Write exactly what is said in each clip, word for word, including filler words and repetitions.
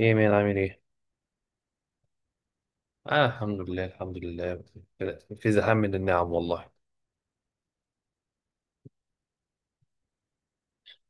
ايه مين عامل ايه؟ آه، الحمد لله الحمد لله. في زحام من النعم والله.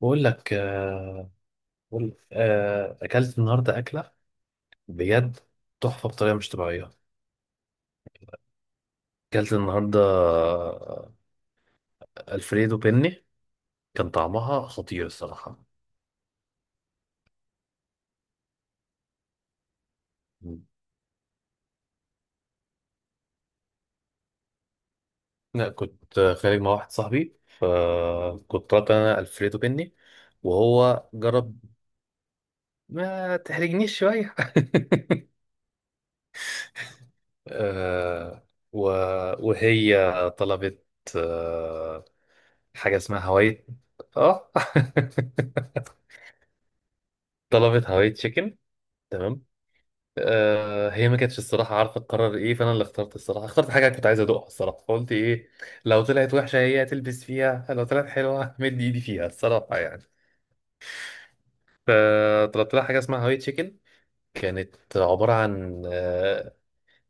بقول لك آه. بقول آه اكلت النهارده اكله بجد تحفه بطريقه مش طبيعيه. اكلت النهارده آه، الفريدو بيني. كان طعمها خطير الصراحه. مم. لا كنت خارج مع واحد صاحبي فكنت طلبت انا الفريدو بيني وهو جرب. ما تحرجنيش شويه آه، و- وهي طلبت. آه، حاجة اسمها هواي. اه طلبت هواي تشيكن. تمام. آه هي ما كانتش الصراحة عارفة تقرر ايه، فانا اللي اخترت الصراحة، اخترت حاجة كنت عايز ادوقها الصراحة، فقلت ايه لو طلعت وحشة هي تلبس فيها، لو طلعت حلوة مد ايدي فيها الصراحة يعني. فطلبت لها حاجة اسمها هواي تشيكن. كانت عبارة عن آه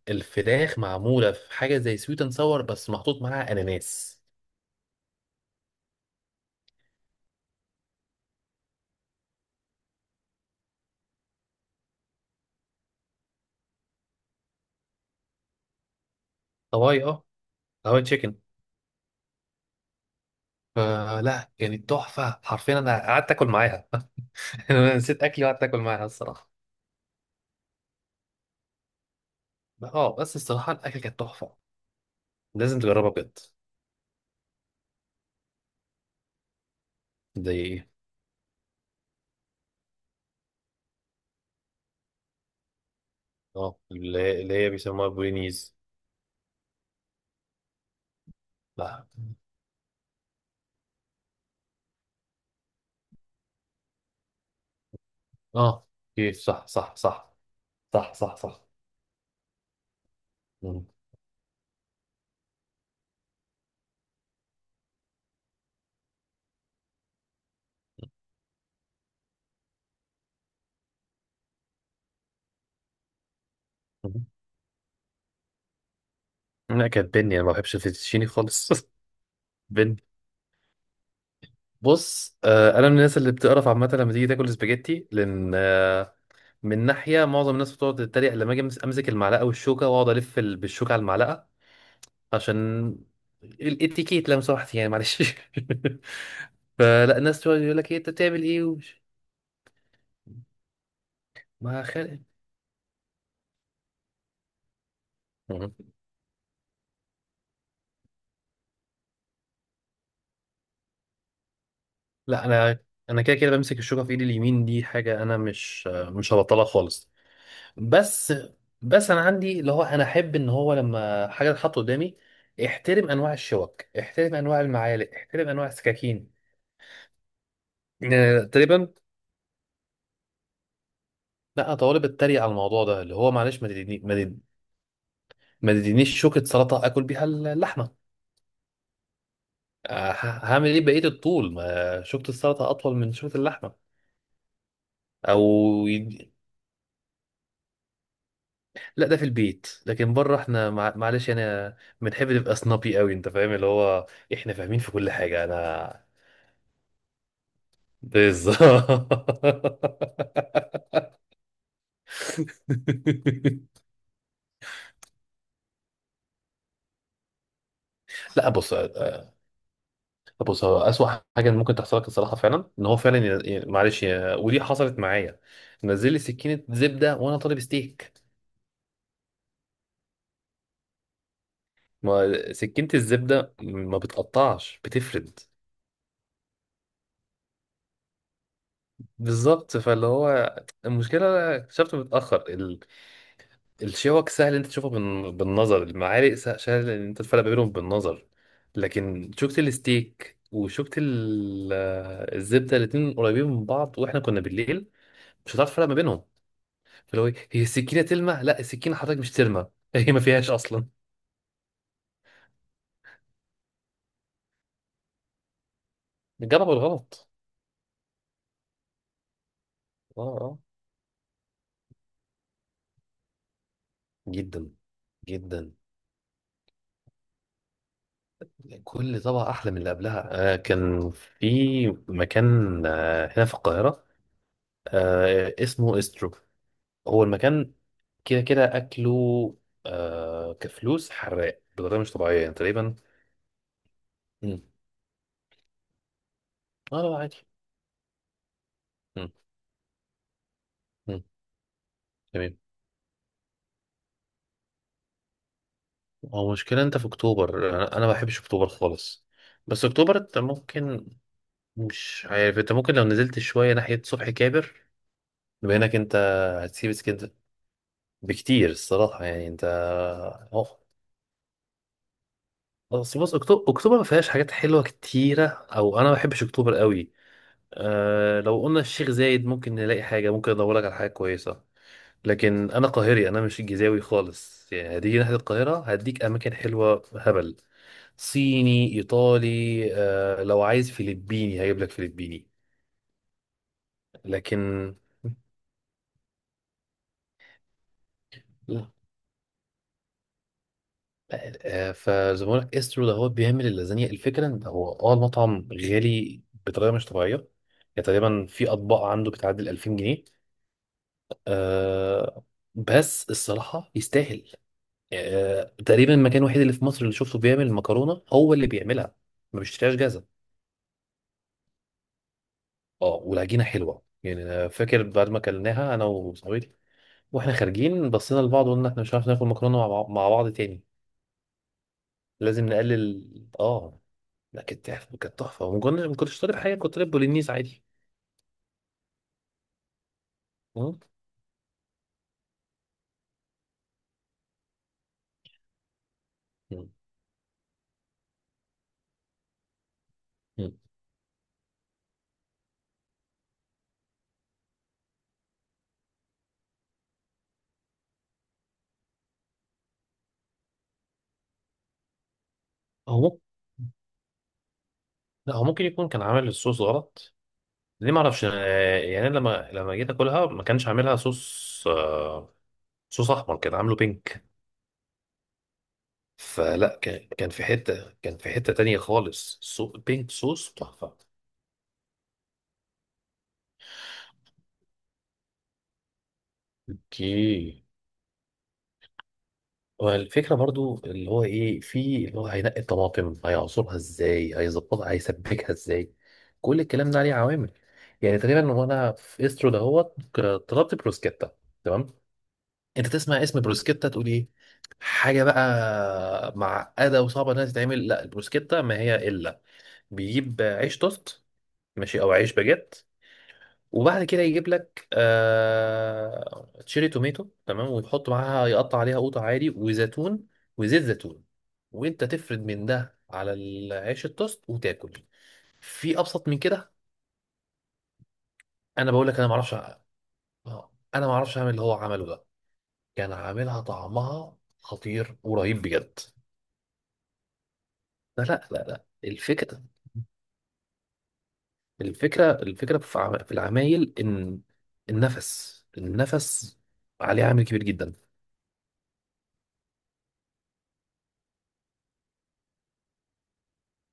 الفراخ معمولة في حاجة زي سويت اند ساور بس محطوط معاها اناناس. هواي اه. هواي تشيكن. فلا يعني تحفه حرفيا، انا قعدت اكل معاها انا نسيت اكلي وقعدت اكل معاها الصراحه. اه بس الصراحه الاكل كانت تحفه، لازم تجربها بجد. دي اه اللي هي اللي هي بيسموها بولينيز. لا اه كيف. صح صح صح. صح صح صح. مم. مم. لا كانت بني، انا ما بحبش الفيتوتشيني خالص بني. بص آه انا من الناس اللي بتقرف عامه لما تيجي تاكل سباجيتي، لان آه، من ناحيه معظم الناس بتقعد تتريق لما اجي أمس- امسك المعلقه والشوكه واقعد الف ال- بالشوكه على المعلقه عشان الاتيكيت، لو سمحت يعني، معلش فلا الناس تقعد يقول لك ايه انت بتعمل ايه ومش- ما خالق. مهم. لا انا انا كده كده بمسك الشوكه في ايدي اليمين، دي حاجه انا مش مش هبطلها خالص. بس بس انا عندي اللي هو انا احب ان هو لما حاجه تتحط قدامي احترم انواع الشوك، احترم انواع المعالق، احترم انواع السكاكين، يعني تقريبا. لا طالب اتريق على الموضوع ده اللي هو معلش، ما تديني ما تديني- ما تدينيش شوكة سلطة اكل بيها اللحمة. آه، ه- هعمل ايه بقية الطول ما شوكة السلطة اطول من شوكة اللحمة؟ او يد... لا ده في البيت، لكن بره احنا مع... معلش، انا بنحب نبقى سنابي قوي، انت فاهم اللي هو احنا فاهمين في كل حاجة انا. بالظبط لا بص. طب بص، هو أسوأ حاجة ممكن تحصل لك الصراحة فعلا إن هو فعلا ي- ي- معلش ي- ودي حصلت معايا. نزل لي سكينة زبدة وأنا طالب ستيك. ما سكينة الزبدة ما بتقطعش، بتفرد. بالظبط، فاللي هو المشكلة اكتشفت متأخر ال... الشوك سهل إن أنت تشوفها بال... بالنظر، المعالق سه- سهل إن أنت تفرق ما بينهم بالنظر. لكن شوكة الستيك وشوكة ال- الزبدة الاتنين قريبين من بعض، وإحنا كنا بالليل، مش هتعرف تفرق ما بينهم. فاللي هو إيه، هي السكينه تلمع، لا السكينه حضرتك مش ترمى هي ما فيهاش اصلا. جربوا الغلط. اه اه. جدا، جدا. كل طبعة أحلى من اللي قبلها. آه كان في مكان، آه هنا في القاهرة، آه، اسمه استرو. هو المكان كده كده أكله. آه كفلوس حراق بطريقة مش طبيعية يعني تقريبا. مم. اه لا عادي. مم. مم. تمام. هو مشكلة أنت في أكتوبر، أنا أنا ما بحبش أكتوبر خالص. بس أكتوبر أنت ممكن، مش عارف انت ممكن لو نزلت شوية ناحية صبحي كابر بما انك انت هتسيب اسكندر بكتير الصراحة يعني انت. اه بس بص، اكتوبر اكتوبر ما فيهاش حاجات حلوة كتيرة، او انا ما بحبش اكتوبر قوي. أه لو قلنا الشيخ زايد ممكن نلاقي حاجة، ممكن ادورلك على حاجة كويسة. لكن انا قاهري، انا مش الجيزاوي خالص، يعني هتيجي ناحية القاهرة هديك اماكن حلوة هبل. صيني، ايطالي. أه لو عايز فلبيني هجيب لك فلبيني. لكن آه، فزبونك استرو ده هو بيعمل اللازانيا. الفكره ان هو اه المطعم غالي بطريقه مش طبيعيه، يعني تقريبا في اطباق عنده بتعدي ال ألفين جنيه. آه، بس الصراحه يستاهل. آه تقريبا المكان الوحيد اللي في مصر اللي شفته بيعمل المكرونه، هو اللي بيعملها، ما بيشتريهاش جاهزه. اه والعجينه حلوه يعني، أنا فاكر بعد ما اكلناها انا وصاحبتي واحنا خارجين بصينا لبعض وقلنا احنا مش عارف ناكل مكرونه مع مع بعض تاني، لازم نقلل اه. لا كانت تحفة كانت تحفة، وما كنتش ما كنتش طالب حاجة، كنت طالب بولينيز عادي. مم. مم. مم. هو ممكن، لا هو ممكن يكون كان عامل الصوص غلط. ليه ما اعرفش، آه، يعني أنا لما لما جيت اكلها ما كانش عاملها صوص آه، صوص احمر كان عامله بينك. فلا كان كان في حتة، كان في حتة تانية خالص، سو بينك، صوص تحفة. اوكي. والفكرة برضو اللي هو ايه في اللي هو هينقي الطماطم، هيعصرها ازاي، هيظبطها، هيسبكها ازاي، كل الكلام ده عليه عوامل. يعني تقريبا وانا في استرو دهوت ك- طلبت بروسكيتا. تمام. انت تسمع اسم بروسكيتا تقول ايه، حاجه بقى معقده وصعبه انها تتعمل. لا البروسكيتا ما هي الا، بيجيب عيش توست، ماشي، او عيش باجيت، وبعد كده يجيب لك آه... تشيري توميتو، تمام، ويحط معاها يقطع عليها قوطه عادي وزيتون وزيت زيتون، وانت تفرد من ده على العيش التوست وتاكل. في ابسط من كده؟ انا بقول لك انا ما اعرفش، انا ما اعرفش اعمل اللي هو عمله ده. كان عاملها طعمها خطير ورهيب بجد. لا لا لا لا، الفكرة الفكرة الفكرة في عم- في العمايل إن النفس، النفس عليه عامل كبير جدا.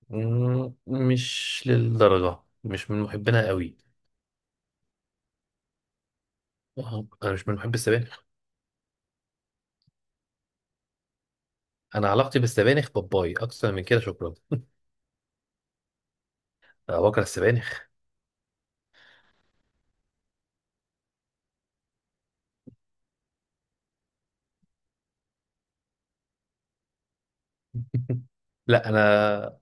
مم، مش للدرجة، مش من محبينها قوي. آه، أنا مش من محب السبانخ. أنا علاقتي بالسبانخ باباي أكتر من كده، شكرا. أنا بكره السبانخ لا أنا،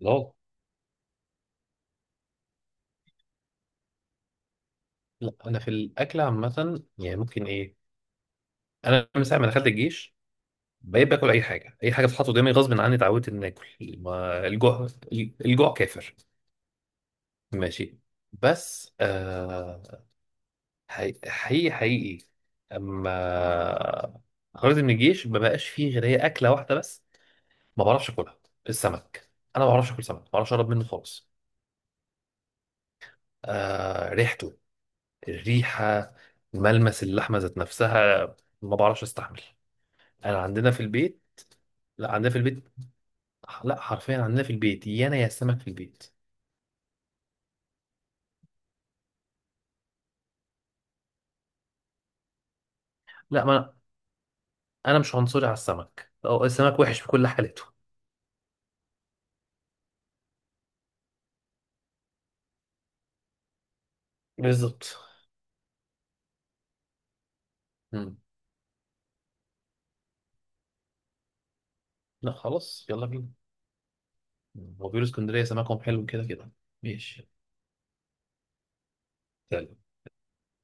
لا. لا أنا في الأكل عامة يعني ممكن إيه، أنا من ساعة ما دخلت الجيش بقيت باكل اي حاجه، اي حاجه بتتحط قدامي غصب عني اتعودت ان اكل. ما الجوع، الجوع كافر. ماشي. بس آه، حقيقي حقيقي حقيقي. اما خرجت من الجيش ما بقاش فيه غير هي اكله واحده بس، ما بعرفش اكلها، السمك. انا ما بعرفش اكل سمك، ما بعرفش اقرب منه خالص. آه ريحته، الريحه، ملمس اللحمه ذات نفسها، ما بعرفش استحمل. انا عندنا في البيت، لا عندنا في البيت، لا حرفيا عندنا في البيت يا انا يا السمك في البيت. لا ما انا، أنا مش عنصري على السمك، أو السمك وحش في كل حالته. بالظبط. مم. لا خلاص يلا بينا. هو بيقولوا اسكندرية سمكهم حلو كده كده. ماشي